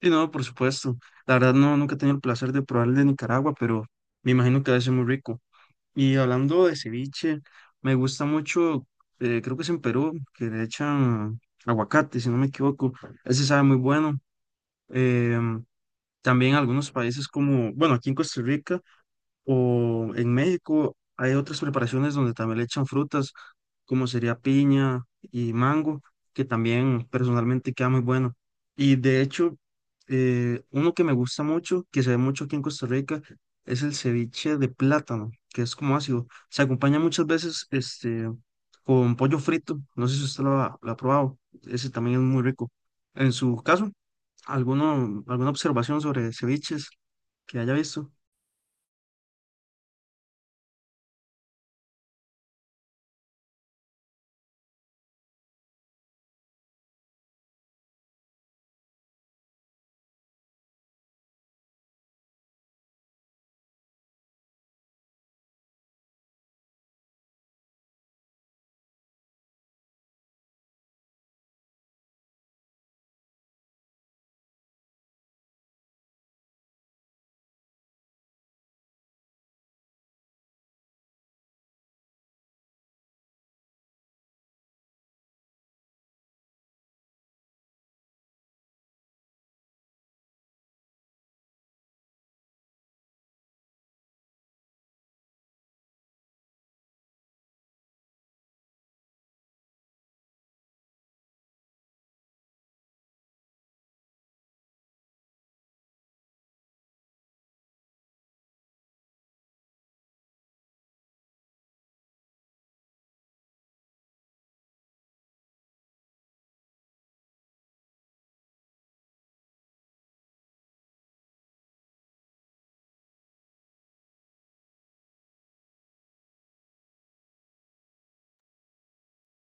Sí, no, por supuesto. La verdad no, nunca he tenido el placer de probar el de Nicaragua, pero me imagino que debe ser muy rico. Y hablando de ceviche, me gusta mucho, creo que es en Perú, que le echan aguacate, si no me equivoco. Ese sabe muy bueno. Em, también algunos países como, bueno, aquí en Costa Rica. O en México hay otras preparaciones donde también le echan frutas, como sería piña y mango, que también personalmente queda muy bueno. Y de hecho, uno que me gusta mucho, que se ve mucho aquí en Costa Rica, es el ceviche de plátano, que es como ácido. Se acompaña muchas veces este, con pollo frito. No sé si usted lo ha probado. Ese también es muy rico. En su caso, alguna observación sobre ceviches que haya visto?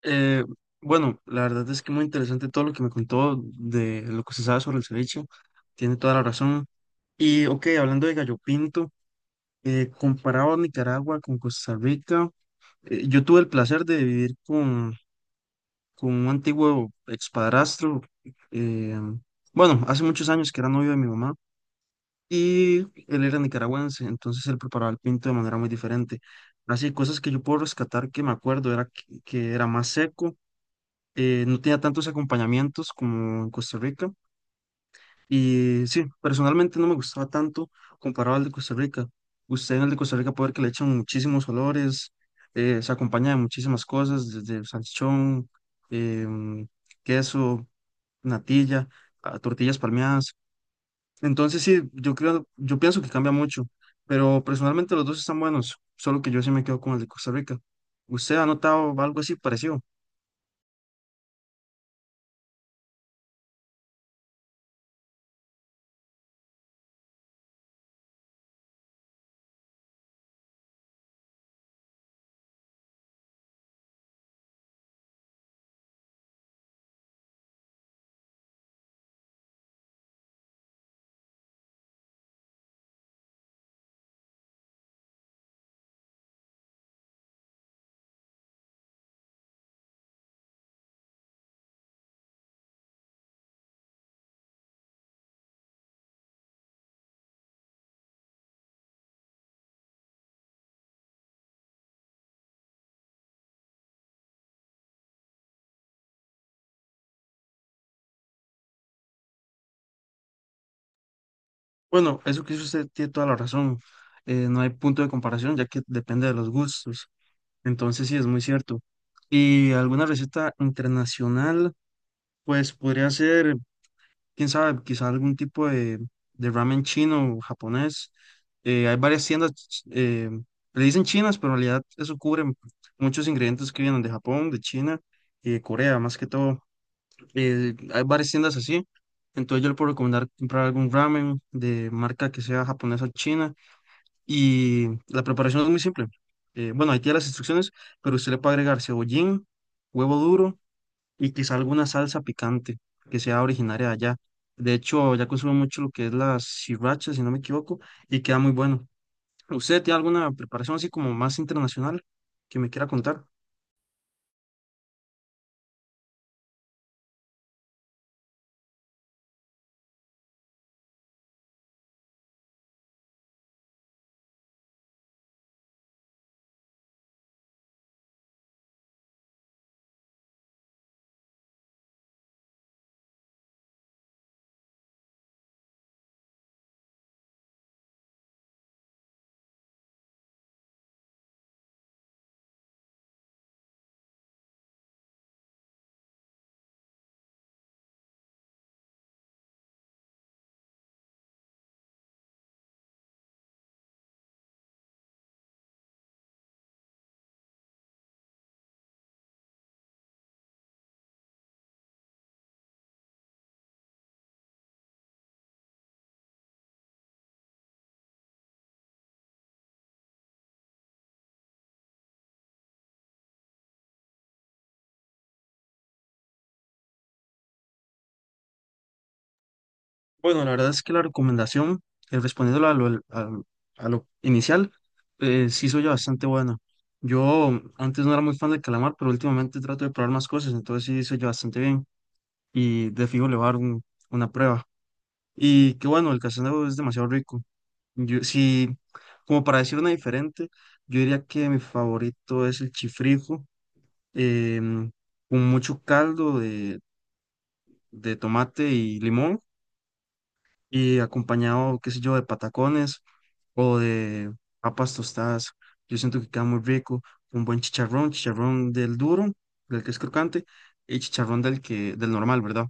Eh, bueno, la verdad es que muy interesante todo lo que me contó de lo que se sabe sobre el ceviche. Tiene toda la razón. Y, ok, hablando de gallo pinto, comparado a Nicaragua con Costa Rica, yo tuve el placer de con un antiguo expadrastro. eh, bueno, hace muchos años que era novio de mi mamá y él era nicaragüense, entonces él preparaba el pinto de manera muy diferente. Así, cosas que yo puedo rescatar que me acuerdo era que era más seco, no tenía tantos acompañamientos como en Costa Rica. Y sí, personalmente no me gustaba tanto comparado al de Costa Rica. Usted en el de Costa Rica puede ver que le echan muchísimos olores, se acompaña de muchísimas cosas, desde salchichón, em, queso, natilla, a tortillas palmeadas. Entonces sí, yo pienso que cambia mucho, pero personalmente los dos están buenos, solo que yo sí me quedo con el de Costa Rica. ¿Usted ha notado algo así parecido? Bueno, eso que dice usted tiene toda la razón. No hay punto de comparación ya que depende de los gustos. Entonces sí, es muy cierto. Y alguna receta internacional, pues podría ser, quién sabe, quizá algún tipo de ramen chino o japonés. Hay varias tiendas, le dicen chinas, pero en realidad eso cubre muchos ingredientes que vienen de Japón, de China y de Corea, más que todo. Hay varias tiendas así. Entonces yo le puedo recomendar comprar algún ramen de marca que sea japonesa o china y la preparación es muy simple. Bueno, ahí tiene las instrucciones, pero usted le puede agregar cebollín, huevo duro y quizá alguna salsa picante que sea originaria de allá. De hecho, ya consumo mucho lo que es la sriracha, si no me equivoco, y queda muy bueno. ¿Usted tiene alguna preparación así como más internacional que me quiera contar? Bueno, la verdad es que la recomendación, respondiendo a a lo inicial, sí soy bastante buena. Yo antes no era muy fan del calamar, pero últimamente trato de probar más cosas, entonces sí soy bastante bien y de fijo le voy a dar una prueba. Y que bueno, el casaneo es demasiado rico. Yo, sí, como para decir una diferente, yo diría que mi favorito es el chifrijo, em, con mucho caldo de tomate y limón y acompañado, qué sé yo, de patacones o de papas tostadas. Yo siento que queda muy rico, un buen chicharrón, chicharrón del duro, del que es crocante, y chicharrón del normal, ¿verdad?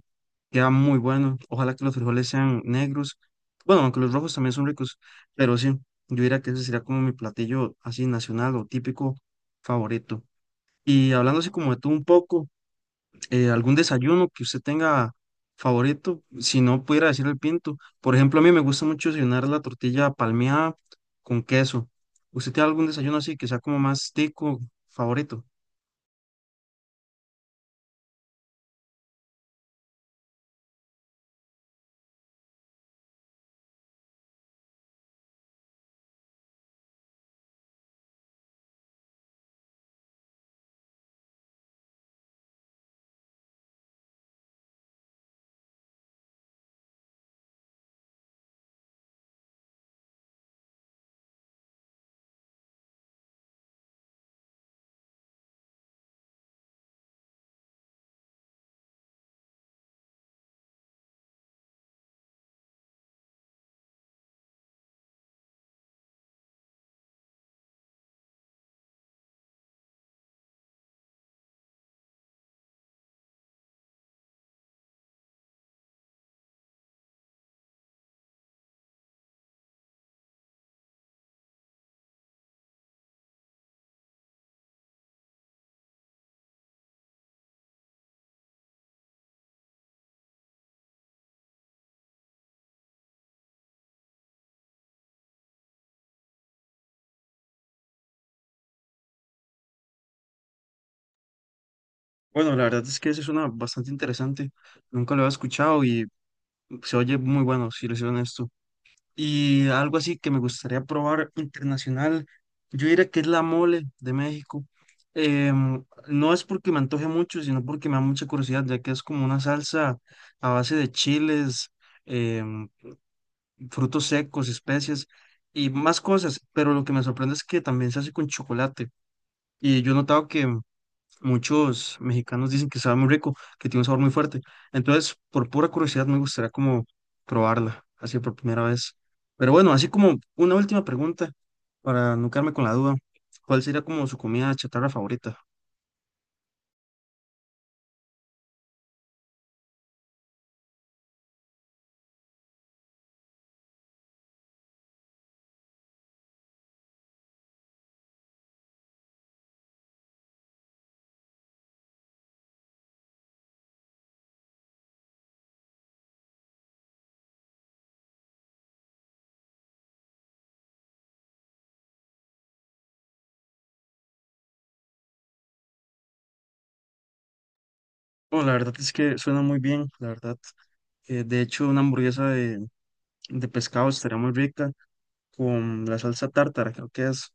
Queda muy bueno. Ojalá que los frijoles sean negros. Bueno, aunque los rojos también son ricos, pero sí, yo diría que ese sería como mi platillo así nacional o típico favorito. Y hablando así como de todo un poco, algún desayuno que usted tenga favorito, si no pudiera decir el pinto. Por ejemplo, a mí me gusta mucho desayunar la tortilla palmeada con queso. ¿Usted tiene algún desayuno así que sea como más tico favorito? Bueno, la verdad es que ese suena bastante interesante. Nunca lo había escuchado y se oye muy bueno, si les soy honesto. Y algo así que me gustaría probar internacional, yo diría que es la mole de México. No es porque me antoje mucho, sino porque me da mucha curiosidad, ya que es como una salsa a base de chiles, em, frutos secos, especias y más cosas. Pero lo que me sorprende es que también se hace con chocolate. Y yo he notado que muchos mexicanos dicen que sabe muy rico, que tiene un sabor muy fuerte. Entonces, por pura curiosidad, me gustaría como probarla, así por primera vez. Pero bueno, así como una última pregunta, para no quedarme con la duda, ¿cuál sería como su comida chatarra favorita? Bueno, la verdad es que suena muy bien, la verdad. De hecho, una hamburguesa de pescado estaría muy rica, con la salsa tártara, creo que es,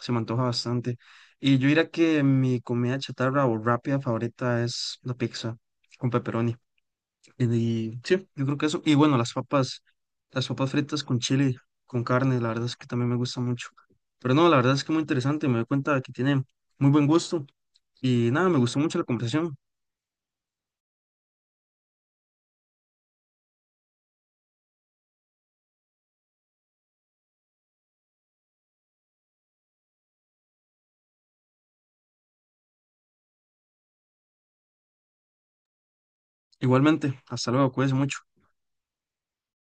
se me antoja bastante. Y yo diría que mi comida chatarra o rápida favorita es la pizza con pepperoni. Y sí, yo creo que eso. Y bueno, las papas fritas con chile, con carne, la verdad es que también me gusta mucho. Pero no, la verdad es que muy interesante, me doy cuenta de que tiene muy buen gusto. Y nada, me gustó mucho la conversación. Igualmente, hasta luego, cuídense mucho.